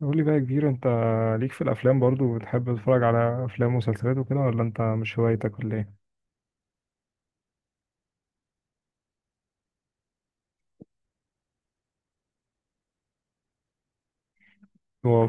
قول لي بقى يا كبير، انت ليك في الافلام برضو، بتحب تتفرج على افلام ومسلسلات وكده ولا انت مش هوايتك ولا ايه؟ واو.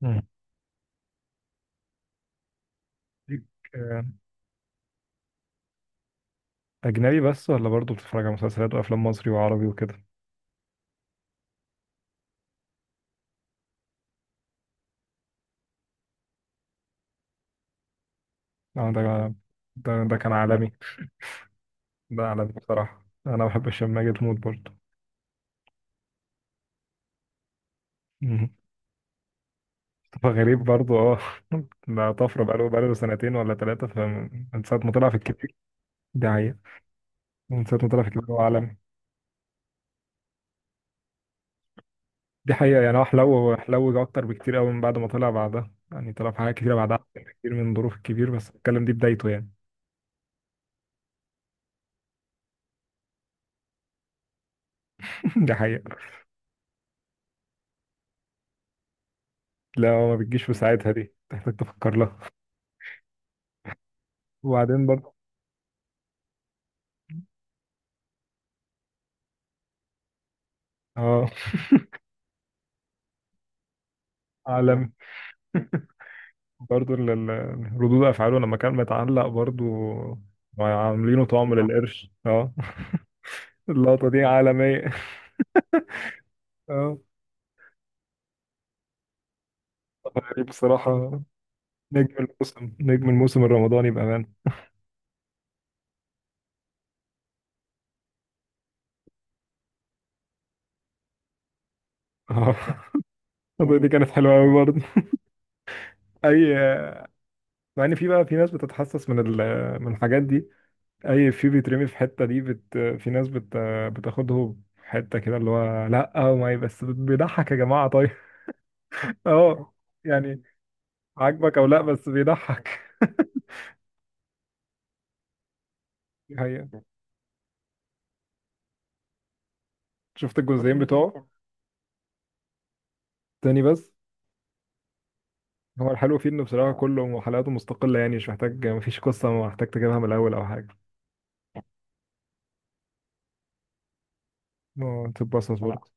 مم. ليك آه، اجنبي بس ولا برضو بتتفرج على مسلسلات وافلام مصري وعربي وكده؟ اه، ده ده كان عالمي. ده عالمي بصراحة، انا بحب هشام ماجد موت برضو. مم. مصطفى غريب برضو، اه. ده طفرة، بقاله سنتين ولا ثلاثة، فمن ساعة ما طلع في الكبير. ده حقيقة. من ساعة ما طلع في الكبير هو عالمي. دي حقيقة، يعني هو حلو حلو أكتر بكتير أوي من بعد ما طلع، بعدها يعني طلع في حاجات كتيرة بعدها أحسن بكتير من ظروف الكبير، بس الكلام دي بدايته يعني. دي حقيقة. لا، هو ما بتجيش في ساعتها، دي تحتاج تفكر لها. وبعدين برضه، اه، عالمي. برضه ردود أفعاله لما كان متعلق برضه عاملينه طعم للقرش، اه. اللقطة دي عالمية. اه. غريب بصراحة، نجم الموسم، نجم الموسم الرمضاني بأمان. اه. اللقطة دي كانت حلوة أوي برضه. أي. مع ان في بقى، في ناس بتتحسس من الحاجات دي، اي، في بيترمي في حته دي، في ناس بتاخده في حته كده اللي هو، لا ما بس بيضحك يا جماعه طيب. اه، يعني عاجبك او لا بس بيضحك. دي حقيقة. شفت الجزئين بتوعه؟ تاني بس. هو الحلو فيه انه بصراحه كله حلقاته مستقله، يعني مش محتاج، مفيش قصه محتاج تجيبها من الاول او حاجه. اه، تتبسط برضه.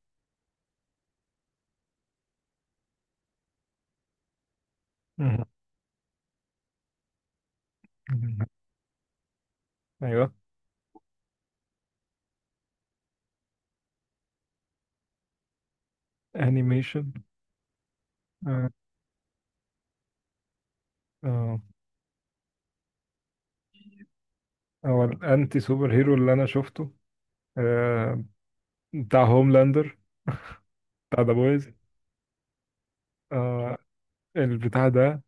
مهم. ايوه. انيميشن، اه. اه، هو الانتي سوبر هيرو اللي انا شفته، آه، بتاع هوملاندر، بتاع ذا بويز. آه، البتاع ده،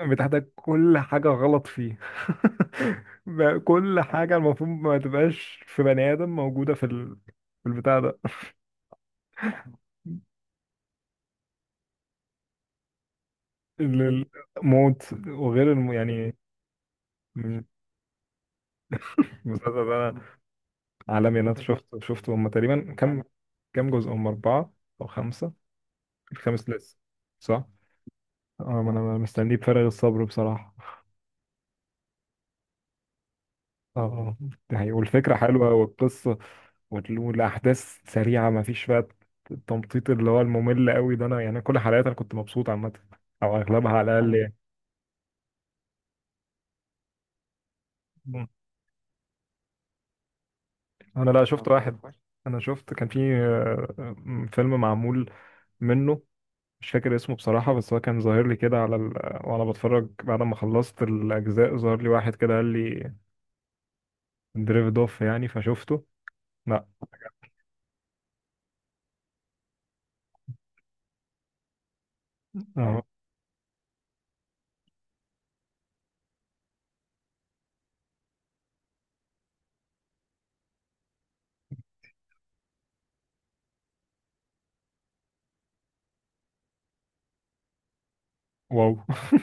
البتاع ده كل حاجة غلط فيه. بقى كل حاجة المفروض ما تبقاش في بني آدم موجودة في البتاع ده، ال- الموت وغير يعني، المسلسل ده عالمي. أنا شفته هما تقريبا كام جزء، هما أربعة أو خمسة؟ الخامس لسه، صح؟ اه، ما أنا مستنيه بفارغ الصبر بصراحة. اه، ده والفكرة حلوة والقصة، والأحداث سريعة، مفيش بقى التمطيط اللي هو الممل قوي ده. أنا يعني كل حلقات أنا كنت مبسوط عامة، أو أغلبها على الأقل، يعني. مم. أنا لا، شفت طب واحد كويس. أنا شفت كان في فيلم معمول منه، مش فاكر اسمه بصراحة، بس هو كان ظاهر لي كده على. وأنا بتفرج بعد ما خلصت الأجزاء ظهر لي واحد كده قال لي دريفد أوف، يعني فشفته. لا، آه. آه، واو.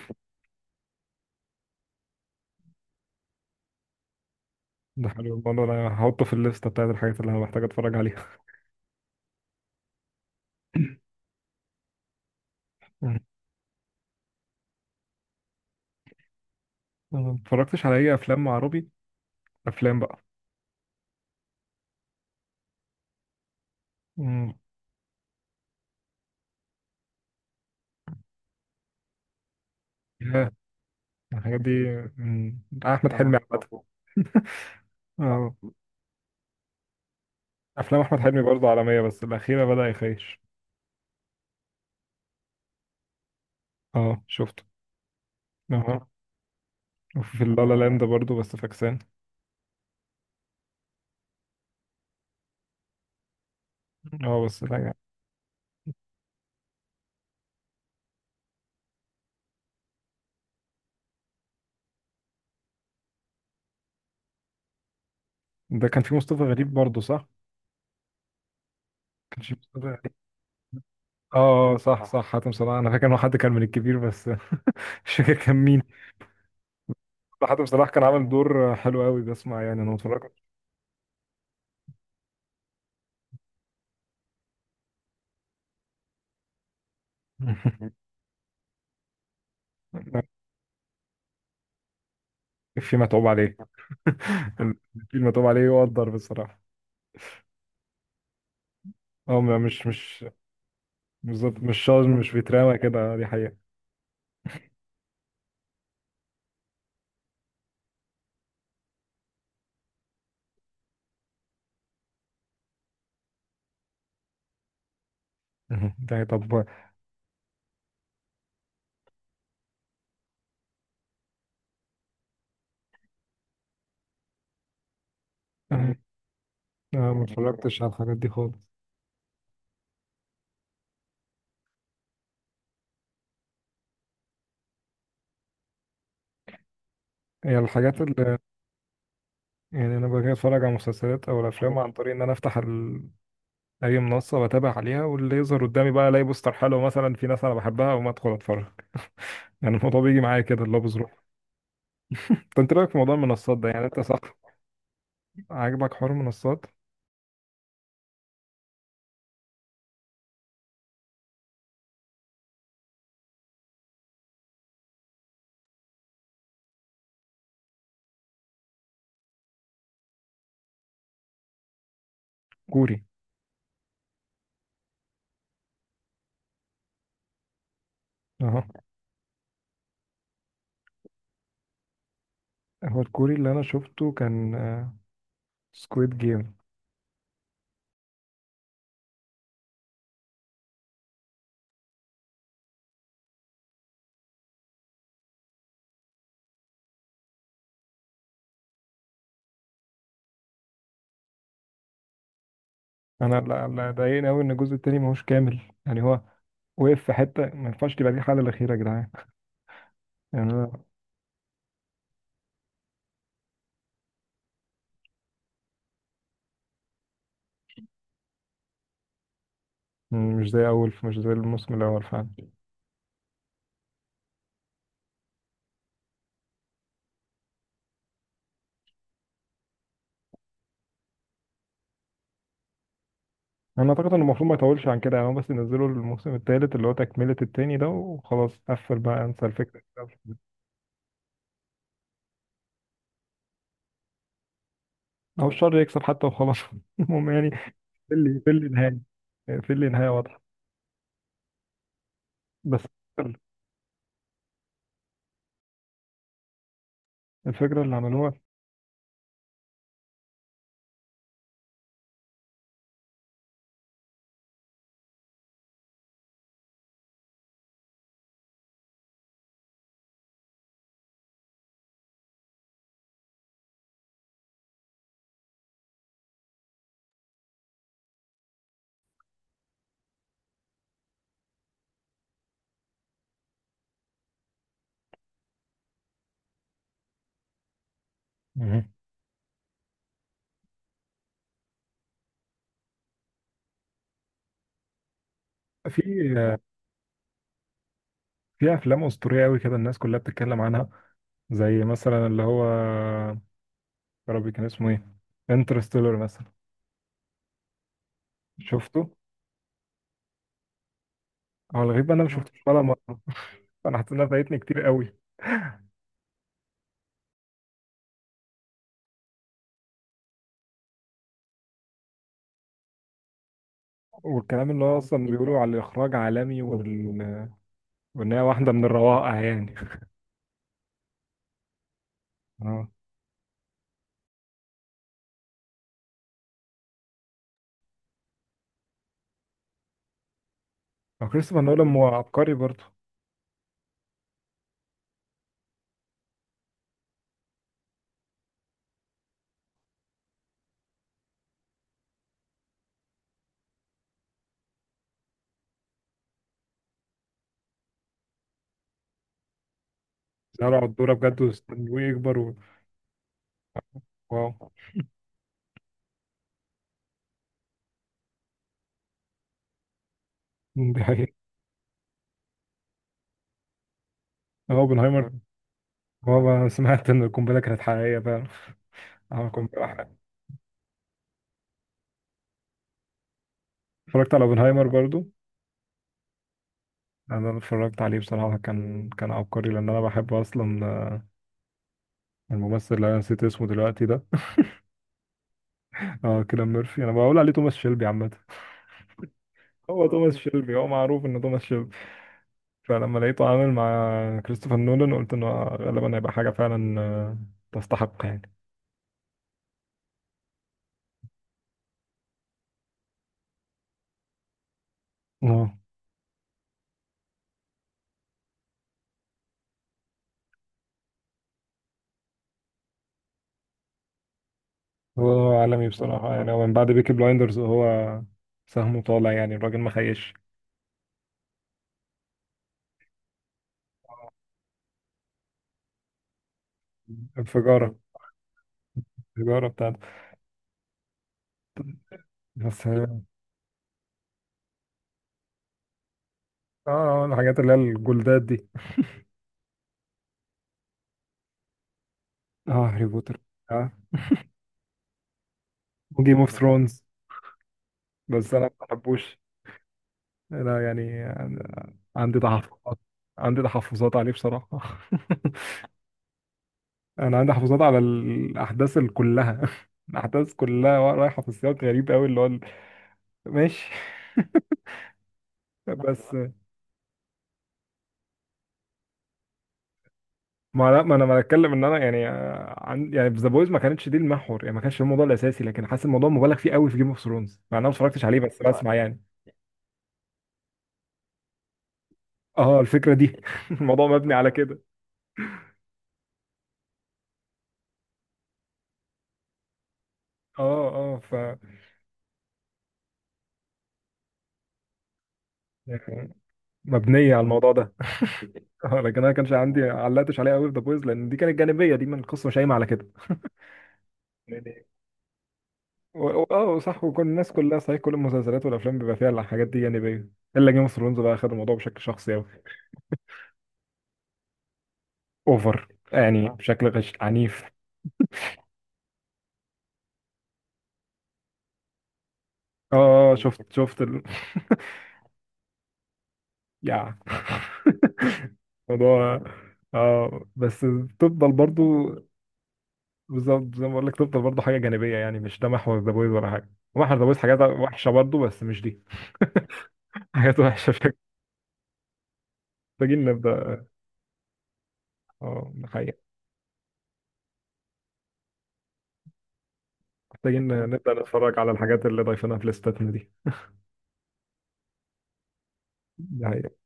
ده حلو، الموضوع ده هحطه في الليستة بتاعت الحاجات اللي أنا محتاج أتفرج عليها. مم. أنا ما اتفرجتش على اي افلام عربي، افلام بقى. مم. ياه، الحاجات دي. مم. احمد حلمي عامه. اه. افلام احمد حلمي برضه عالميه، بس الاخيره بدا يخيش. اه، شفته. اه. وفي اللا لا لاند برضه، بس فاكسان. اه، بس لا يعني. ده كان في مصطفى غريب برضه، صح؟ كان في مصطفى غريب. اه، صح صح، حاتم صلاح، انا فاكر انه حد كان من الكبير بس. مش فاكر كان مين. حاتم صلاح كان عامل دور حلو قوي، بسمع يعني، انا اتفرجت. في متعوب عليه. في المتعوب عليه يقدر بصراحة. اه، مش بالظبط، مش شاز، مش بيتراوى كده، دي حقيقة. يعني طب انا، أنا ما اتفرجتش على الحاجات دي خالص. هي الحاجات اللي يعني انا باجي اتفرج على مسلسلات او الافلام عن طريق ان انا افتح اي منصة واتابع عليها، واللي يظهر قدامي بقى الاقي بوستر حلو، مثلا في ناس انا بحبها وما ادخل اتفرج. يعني الموضوع بيجي معايا كده اللي هو بظروف. طب انت رايك في موضوع المنصات ده، يعني انت، صح؟ عاجبك حوار المنصات؟ كوري؟ اهو. هو الكوري اللي انا شفته كان سكويد جيم. انا لا ضايقني قوي ان الجزء التاني ماهوش كامل، يعني هو وقف في حته، ما ينفعش تبقى دي الحاله الاخيره يا جدعان. يعني أنا، مش زي الموسم الاول فعلا. انا اعتقد انه المفروض ما يطولش عن كده، يعني هو بس ينزلوا الموسم التالت اللي هو تكمله التاني ده وخلاص، قفل بقى، انسى الفكره دي. او الشر يكسب حتى وخلاص. المهم يعني، في اللي نهايه، في اللي نهايه واضحه، بس الفكره اللي عملوها. مهم. في في افلام اسطوريه قوي كده، الناس كلها بتتكلم عنها، زي مثلا اللي هو، يا ربي كان اسمه ايه، انترستيلر مثلا. شفته؟ هو الغريب بقى انا ما شفتوش ولا مره. انا حاسس انها فايتني كتير قوي. والكلام اللي هو اصلا بيقولوا على الاخراج عالمي وان هي واحده من الروائع يعني. اه، هو كريستوفر نولان هو عبقري برضه. زرعوا على الدوره بجد واستنوه يكبر واو. دي حقيقة. هو اوبنهايمر، هو ما سمعت ان القنبله كانت حقيقيه فعلا. عمل قنبله حقيقية. اتفرجت على اوبنهايمر برضه. انا اتفرجت عليه بصراحه، كان عبقري، لان انا بحب اصلا الممثل اللي انا نسيت اسمه دلوقتي ده. اه، كيليان ميرفي. انا بقول عليه توماس شيلبي عامه. هو توماس شيلبي، هو معروف انه توماس شيلبي. فلما لقيته عامل مع كريستوفر نولان قلت انه غالبا هيبقى حاجه فعلا، تستحق يعني. اه، هو عالمي بصراحه، يعني هو من بعد بيكي بلايندرز وهو سهمه طالع يعني، الراجل ما خيش. انفجاره، الانفجاره بتاعته. بس اه، الحاجات اللي هي الجولدات دي. اه، هاري بوتر. اه، وجيم اوف ثرونز. بس انا ما بحبوش، انا يعني عندي تحفظات. عندي تحفظات عليه بصراحة. انا عندي تحفظات على الاحداث كلها. الاحداث كلها رايحة في سياق غريب قوي اللي هو ماشي. بس، ما لا، ما انا ما اتكلم ان انا يعني، عن يعني في ذا بويز ما كانتش دي المحور، يعني ما كانش الموضوع الاساسي، لكن حاسس الموضوع مبالغ فيه قوي في جيم اوف ثرونز، مع ان انا ما اتفرجتش عليه بس هو بسمع يعني. اه الفكرة دي. الموضوع مبني على كده. اه اه، يعني مبنية على الموضوع ده. لكن انا ما كانش علقتش عليها قوي في ذا بويز، لان دي كانت جانبيه دي من القصه شايمه على كده يعني. اه صح، وكل الناس كلها صحيح كل المسلسلات والافلام بيبقى فيها الحاجات دي جانبيه، الا جيم اوف ثرونز بقى خد الموضوع بشكل شخصي قوي. اوفر يعني، بشكل غش عنيف. اه، شفت يا. موضوع، اه، بس تفضل برضو. بالظبط، زي ما بقول لك، تفضل برضو حاجه جانبيه، يعني مش ده محور ذا بويز ولا حاجه. محور ذا بويز حاجات وحشه برضو، بس مش دي. حاجات وحشه. محتاجين نبدأ. اه، ده حقيقة. محتاجين نبدأ نتفرج على الحاجات اللي ضايفينها في ليستاتنا دي. ده حقيقة.